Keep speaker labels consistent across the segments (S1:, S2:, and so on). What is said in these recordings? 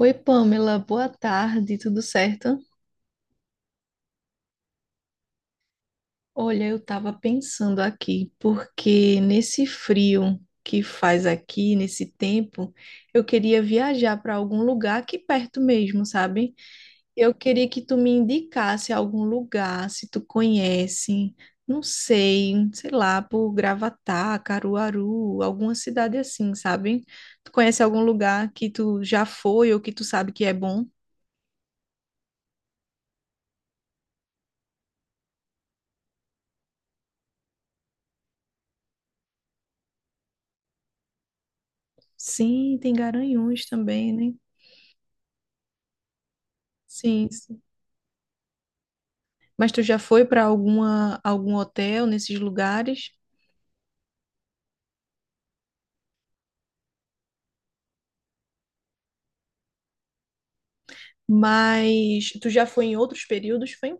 S1: Oi, Pamela, boa tarde, tudo certo? Olha, eu estava pensando aqui, porque nesse frio que faz aqui, nesse tempo, eu queria viajar para algum lugar aqui perto mesmo, sabe? Eu queria que tu me indicasse algum lugar, se tu conhece, não sei, sei lá, por Gravatá, Caruaru, alguma cidade assim, sabe? Tu conhece algum lugar que tu já foi ou que tu sabe que é bom? Sim, tem Garanhuns também, né? Sim, sim. Mas tu já foi para algum hotel nesses lugares? Mas tu já foi em outros períodos, foi?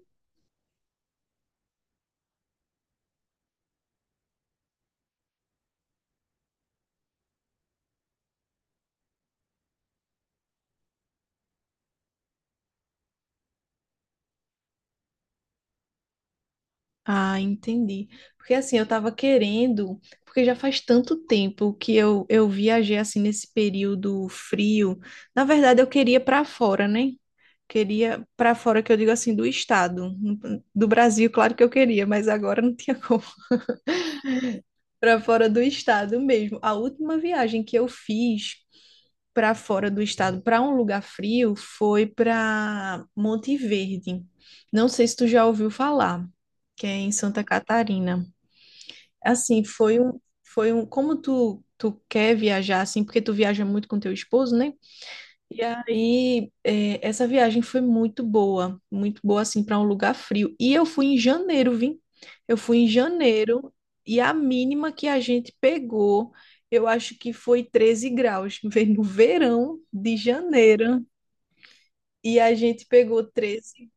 S1: Ah, entendi. Porque assim, eu tava querendo, porque já faz tanto tempo que eu viajei assim nesse período frio. Na verdade, eu queria para fora, né? Queria para fora que eu digo assim do estado, do Brasil, claro que eu queria, mas agora não tinha como. Para fora do estado mesmo. A última viagem que eu fiz para fora do estado, para um lugar frio, foi para Monte Verde. Não sei se tu já ouviu falar, que é em Santa Catarina. Assim, como tu quer viajar assim, porque tu viaja muito com teu esposo, né? E aí, é, essa viagem foi muito boa assim para um lugar frio. E eu fui em janeiro, vim. Eu fui em janeiro e a mínima que a gente pegou, eu acho que foi 13 graus. Veio no verão de janeiro e a gente pegou 13.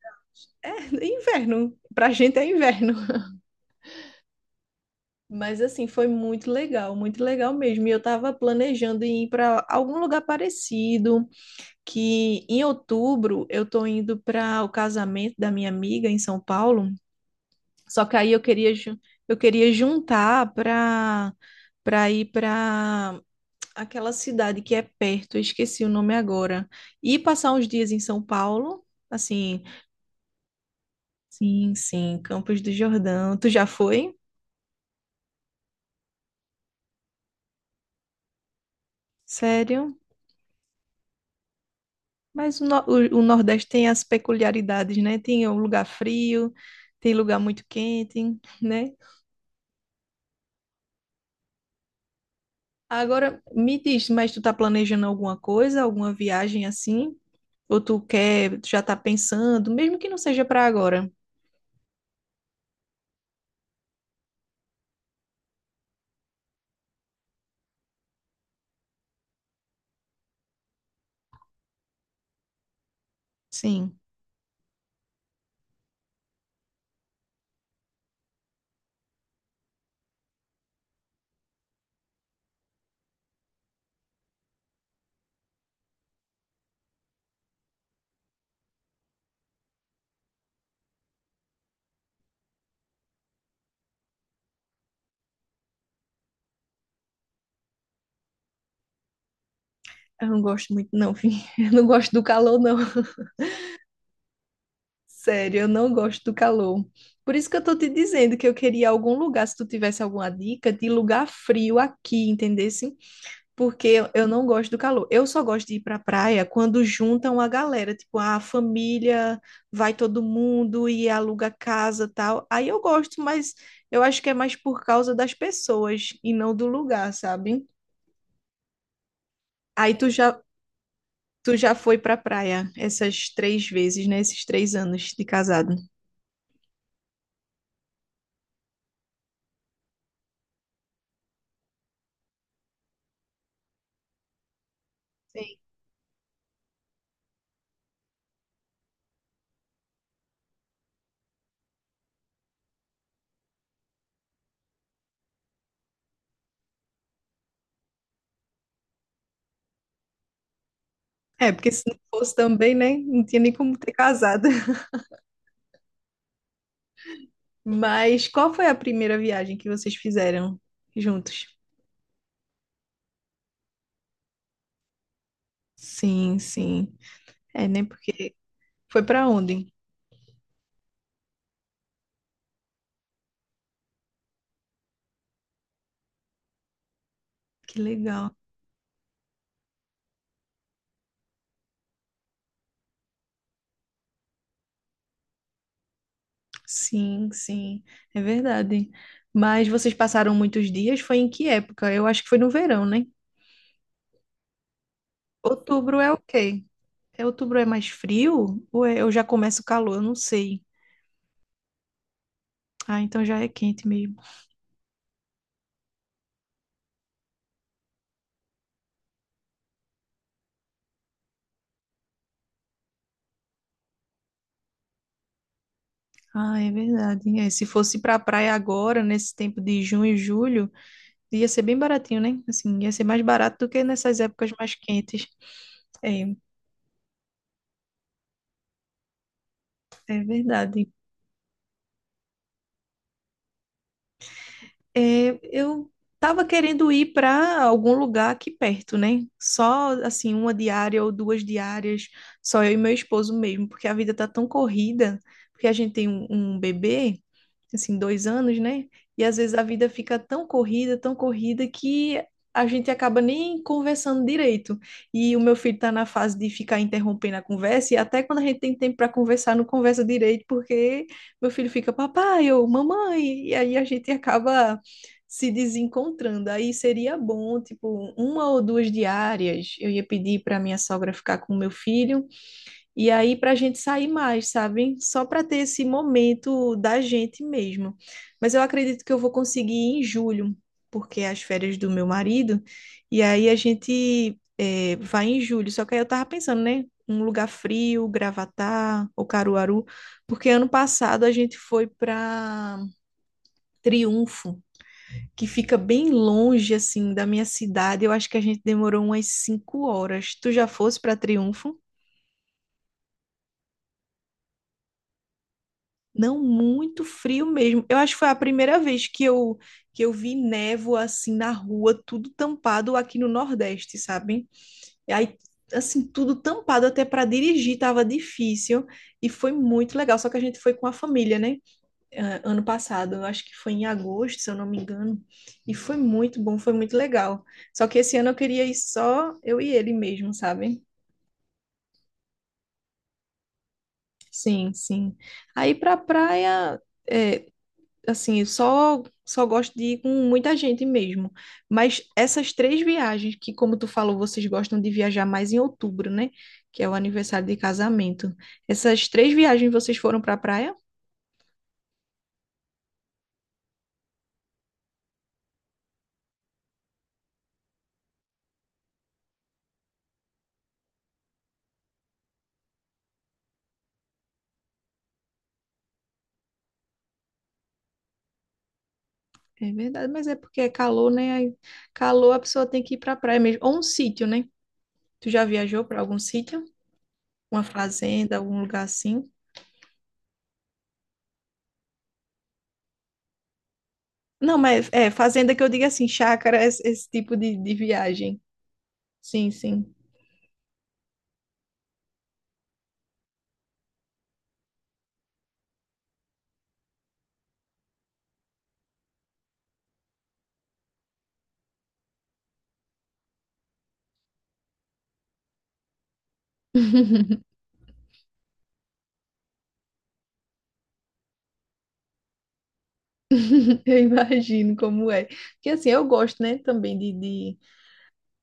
S1: É inverno, pra gente é inverno. Mas assim, foi muito legal mesmo. E eu tava planejando em ir para algum lugar parecido, que em outubro eu tô indo para o casamento da minha amiga em São Paulo, só que aí eu queria juntar para ir para aquela cidade que é perto, eu esqueci o nome agora, e passar uns dias em São Paulo, assim, sim, sim, Campos do Jordão. Tu já foi? Sério? Mas o, no- o Nordeste tem as peculiaridades, né? Tem o lugar frio, tem lugar muito quente, né? Agora, me diz, mas tu tá planejando alguma coisa, alguma viagem assim? Ou tu quer, tu já tá pensando, mesmo que não seja pra agora? Sim, eu não gosto muito, não, filho. Eu não gosto do calor, não. Sério, eu não gosto do calor. Por isso que eu tô te dizendo que eu queria algum lugar, se tu tivesse alguma dica de lugar frio aqui, entendeu? Porque eu não gosto do calor. Eu só gosto de ir pra praia quando juntam a galera, tipo, "Ah, a família, vai todo mundo e aluga casa, tal." Aí eu gosto, mas eu acho que é mais por causa das pessoas e não do lugar, sabe? Aí tu já foi pra praia essas três vezes, né? Esses 3 anos de casado. É, porque se não fosse também, né? Não tinha nem como ter casado. Mas qual foi a primeira viagem que vocês fizeram juntos? Sim, sim. É, né? Porque foi pra onde? Que legal. Sim, sim. É verdade. Mas vocês passaram muitos dias? Foi em que época? Eu acho que foi no verão, né? Outubro é o quê? É, outubro é mais frio? Ou é, eu já começo o calor? Eu não sei. Ah, então já é quente mesmo. Ah, é verdade. É, se fosse pra praia agora, nesse tempo de junho e julho. Ia ser bem baratinho, né? Assim, ia ser mais barato do que nessas épocas mais quentes. É, é verdade. É, eu estava querendo ir para algum lugar aqui perto, né? Só assim, uma diária ou duas diárias, só eu e meu esposo mesmo, porque a vida tá tão corrida, porque a gente tem um bebê, assim, 2 anos, né? E às vezes a vida fica tão corrida, que a gente acaba nem conversando direito. E o meu filho tá na fase de ficar interrompendo a conversa, e até quando a gente tem tempo para conversar, não conversa direito, porque meu filho fica, papai ou mamãe, e aí a gente acaba se desencontrando. Aí seria bom, tipo, uma ou duas diárias. Eu ia pedir para minha sogra ficar com o meu filho e aí para a gente sair mais, sabe? Só para ter esse momento da gente mesmo. Mas eu acredito que eu vou conseguir em julho, porque é as férias do meu marido. E aí a gente é, vai em julho. Só que aí eu tava pensando, né? Um lugar frio, Gravatá ou Caruaru, porque ano passado a gente foi para Triunfo, que fica bem longe, assim, da minha cidade. Eu acho que a gente demorou umas 5 horas. Tu já fosse para Triunfo? Não, muito frio mesmo. Eu acho que foi a primeira vez que eu vi névoa, assim, na rua, tudo tampado aqui no Nordeste, sabe? E aí, assim, tudo tampado até para dirigir tava difícil. E foi muito legal. Só que a gente foi com a família, né? Ano passado, eu acho que foi em agosto, se eu não me engano, e foi muito bom, foi muito legal. Só que esse ano eu queria ir só eu e ele mesmo, sabe? Sim, sim. Aí pra praia, eh, assim, eu só gosto de ir com muita gente mesmo. Mas essas três viagens, que como tu falou, vocês gostam de viajar mais em outubro, né? Que é o aniversário de casamento. Essas três viagens vocês foram pra praia? É verdade, mas é porque é calor, né? Aí, calor a pessoa tem que ir pra praia mesmo. Ou um sítio, né? Tu já viajou pra algum sítio? Uma fazenda, algum lugar assim? Não, mas é fazenda que eu digo assim, chácara, esse tipo de viagem. Sim, sim. Eu imagino como é. Porque assim, eu gosto, né? Também de, de,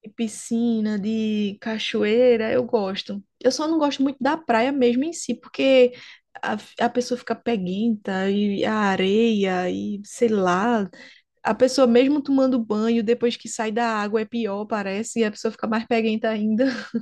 S1: de piscina, de cachoeira, eu gosto. Eu só não gosto muito da praia mesmo em si, porque a, a pessoa fica peguenta e a areia e sei lá. A pessoa, mesmo tomando banho, depois que sai da água, é pior, parece, e a pessoa fica mais peguenta ainda.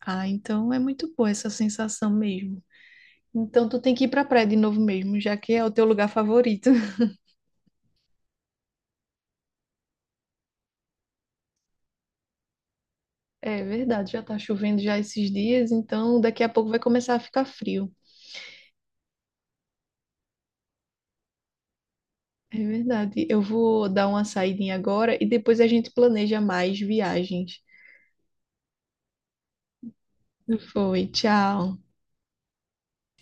S1: Ah, então é muito boa essa sensação mesmo. Então tu tem que ir pra praia de novo mesmo, já que é o teu lugar favorito. É verdade, já tá chovendo já esses dias, então daqui a pouco vai começar a ficar frio. É verdade. Eu vou dar uma saída agora e depois a gente planeja mais viagens. Foi, tchau.